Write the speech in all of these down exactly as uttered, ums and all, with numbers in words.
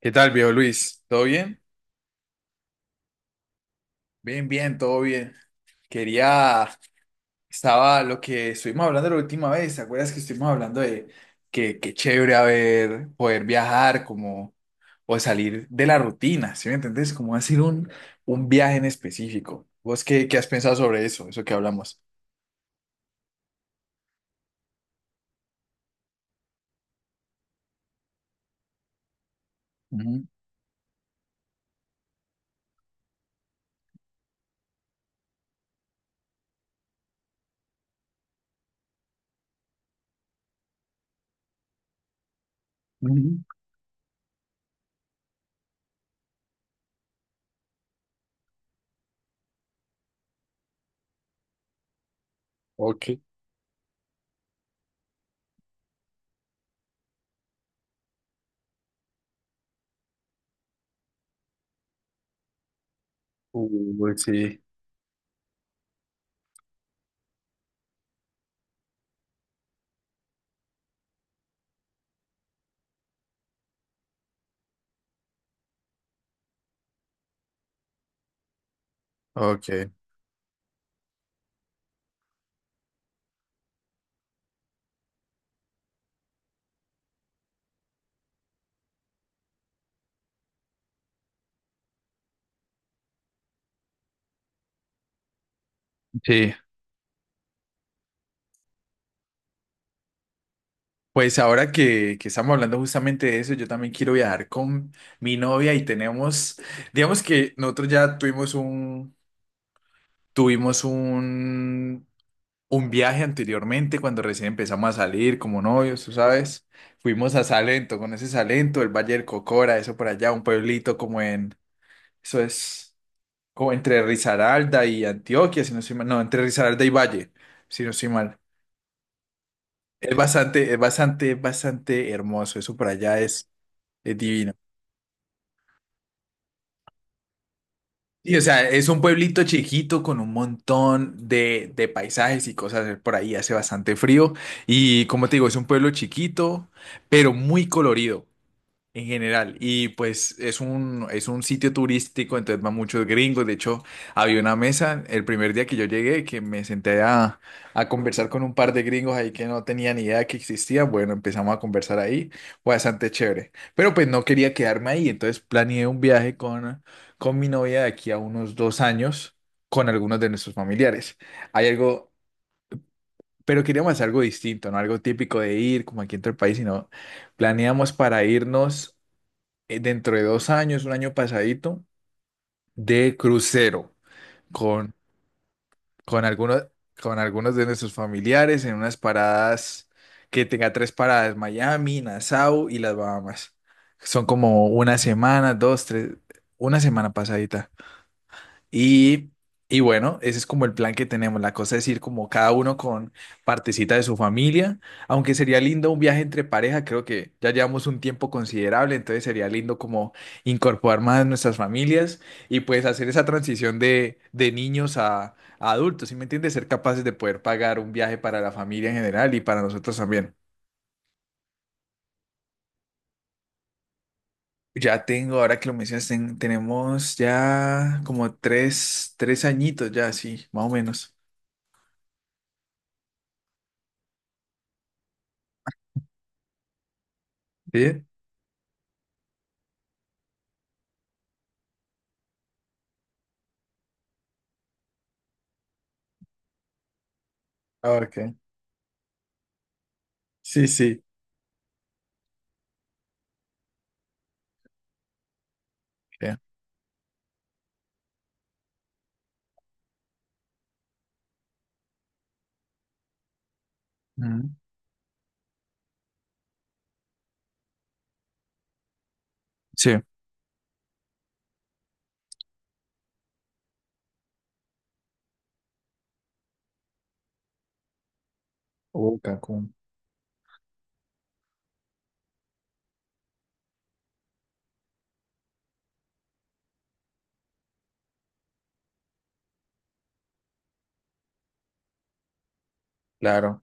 ¿Qué tal, viejo Luis? ¿Todo bien? Bien, bien, todo bien. Quería, estaba lo que estuvimos hablando la última vez. ¿Te acuerdas que estuvimos hablando de que qué chévere haber, poder viajar como, o salir de la rutina? ¿Sí me entendés? Como hacer un, un, viaje en específico. ¿Vos qué, qué, has pensado sobre eso, eso que hablamos? Ujú, ujú. Ok. Uy, sí. Ok. Sí. Pues ahora que, que estamos hablando justamente de eso, yo también quiero viajar con mi novia y tenemos, digamos que nosotros ya tuvimos un, tuvimos un, un viaje anteriormente cuando recién empezamos a salir como novios, tú sabes. Fuimos a Salento, con ese Salento, el Valle del Cocora, eso por allá, un pueblito como en, eso es, como entre Risaralda y Antioquia, si no estoy mal, no, entre Risaralda y Valle, si no estoy mal. Es bastante, es bastante, es bastante hermoso, eso por allá es... Es divino. Y o sea, es un pueblito chiquito con un montón de, de paisajes y cosas por ahí, hace bastante frío. Y como te digo, es un pueblo chiquito, pero muy colorido. En general, y pues es un, es un, sitio turístico, entonces van muchos gringos. De hecho, había una mesa el primer día que yo llegué que me senté a, a conversar con un par de gringos ahí que no tenían ni idea que existían. Bueno, empezamos a conversar ahí, fue bastante chévere. Pero pues no quería quedarme ahí, entonces planeé un viaje con, con mi novia de aquí a unos dos años con algunos de nuestros familiares. Hay algo, pero queríamos hacer algo distinto, no algo típico de ir como aquí entre el país, sino planeamos para irnos eh, dentro de dos años, un año pasadito, de crucero con, con algunos, con algunos de nuestros familiares en unas paradas que tenga tres paradas, Miami, Nassau y las Bahamas. Son como una semana, dos, tres, una semana pasadita. Y, y bueno, ese es como el plan que tenemos. La cosa es ir como cada uno con partecita de su familia, aunque sería lindo un viaje entre pareja, creo que ya llevamos un tiempo considerable, entonces sería lindo como incorporar más nuestras familias y pues hacer esa transición de, de niños a, a adultos, ¿sí me entiendes? Ser capaces de poder pagar un viaje para la familia en general y para nosotros también. Ya tengo, ahora que lo mencionas, ten- tenemos ya como tres, tres añitos ya, sí, más o menos. ¿Sí? Ok. Sí, sí. Sí. Ujú. Sí. Uh, Cancún, claro.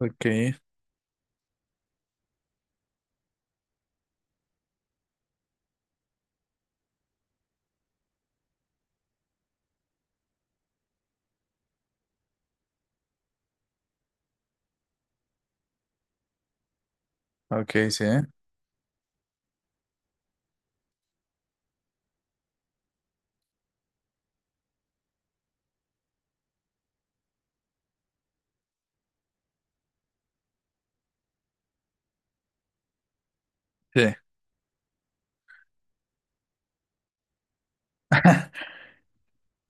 Ok, ok, sí. Sí.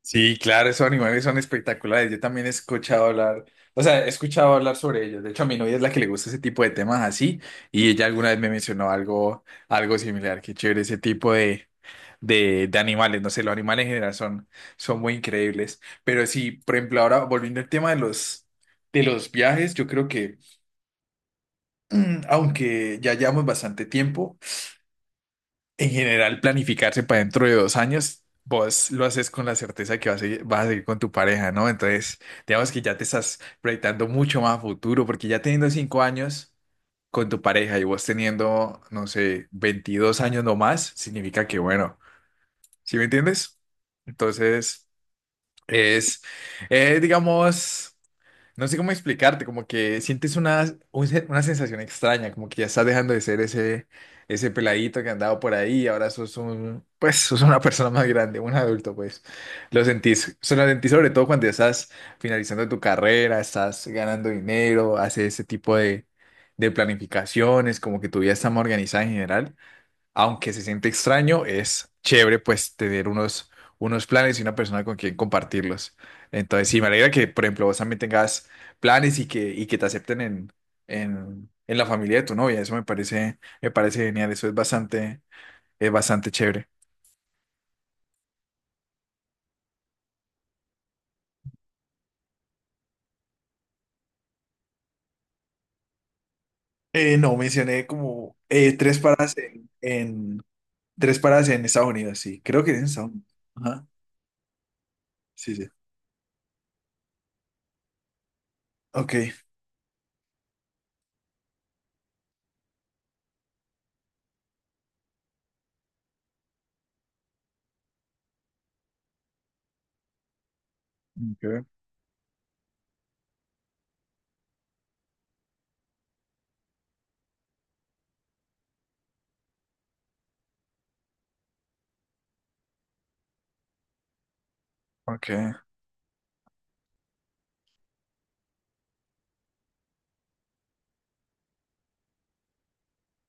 Sí, claro, esos animales son espectaculares. Yo también he escuchado hablar, o sea, he escuchado hablar sobre ellos. De hecho, a mi novia es la que le gusta ese tipo de temas así, y ella alguna vez me mencionó algo, algo, similar. Qué chévere ese tipo de, de, de animales. No sé, los animales en general son, son, muy increíbles. Pero sí, por ejemplo, ahora volviendo al tema de los, de los viajes, yo creo que, mm, aunque ya llevamos bastante tiempo, en general, planificarse para dentro de dos años, vos lo haces con la certeza que vas a, seguir, vas a seguir con tu pareja, ¿no? Entonces, digamos que ya te estás proyectando mucho más a futuro, porque ya teniendo cinco años con tu pareja y vos teniendo, no sé, veintidós años no más, significa que, bueno, ¿sí me entiendes? Entonces, es, eh, digamos. No sé cómo explicarte, como que sientes una, un se- una sensación extraña, como que ya estás dejando de ser ese, ese, peladito que andaba por ahí ahora sos un, pues, sos una persona más grande, un adulto, pues. Lo sentís, se lo sentís sobre todo cuando ya estás finalizando tu carrera, estás ganando dinero, haces ese tipo de, de planificaciones, como que tu vida está más organizada en general aunque se siente extraño, es chévere pues tener unos, unos planes y una persona con quien compartirlos. Entonces, sí, me alegra que, por ejemplo, vos también tengas planes y que, y que te acepten en, en, en, la familia de tu novia. Eso me parece, me parece genial. Eso es bastante, es bastante chévere. Eh, no, mencioné como eh, tres paradas en, en- tres paradas en Estados Unidos, sí. Creo que es en Estados Unidos. Ajá. Sí, sí. Ok. Ok. Ok.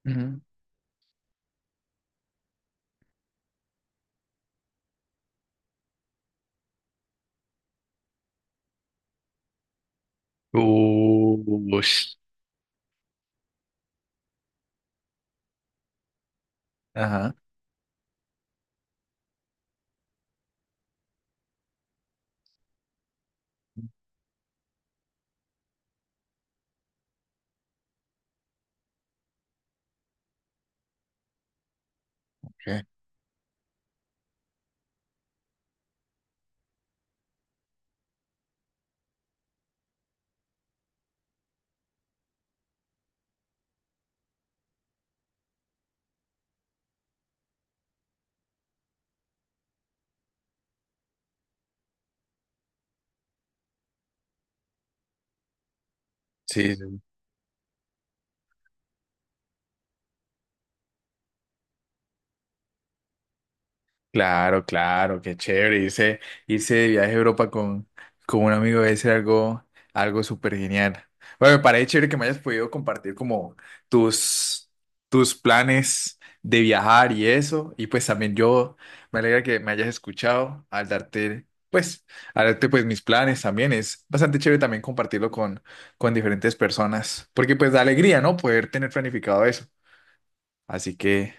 Ujú. Ush. Ajá. Ok. Sí, sí. Claro, claro, qué chévere. Irse, irse de viaje a Europa con, con, un amigo debe ser algo, algo súper genial. Bueno, me parece chévere que me hayas podido compartir como tus, tus planes de viajar y eso. Y pues también yo me alegra que me hayas escuchado al darte, pues, al darte pues mis planes también. Es bastante chévere también compartirlo con, con diferentes personas. Porque pues da alegría, ¿no? Poder tener planificado eso. Así que.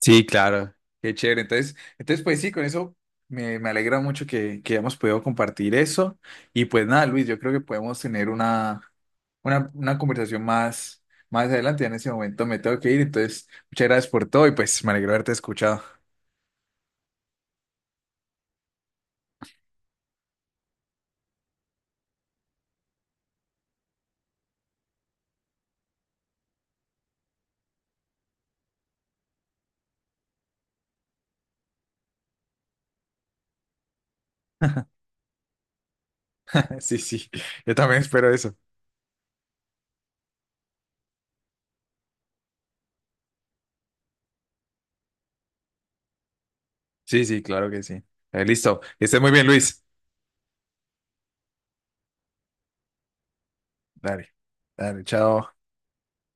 Sí, claro, qué chévere. Entonces, entonces pues sí, con eso me, me alegra mucho que, que hayamos podido compartir eso. Y pues nada, Luis, yo creo que podemos tener una, una, una conversación más, más adelante. Ya en ese momento me tengo que ir, entonces muchas gracias por todo y pues me alegro haberte escuchado. Sí, sí, yo también espero eso. Sí, sí, claro que sí. Eh, listo, que estés muy bien, Luis. Dale, dale, chao.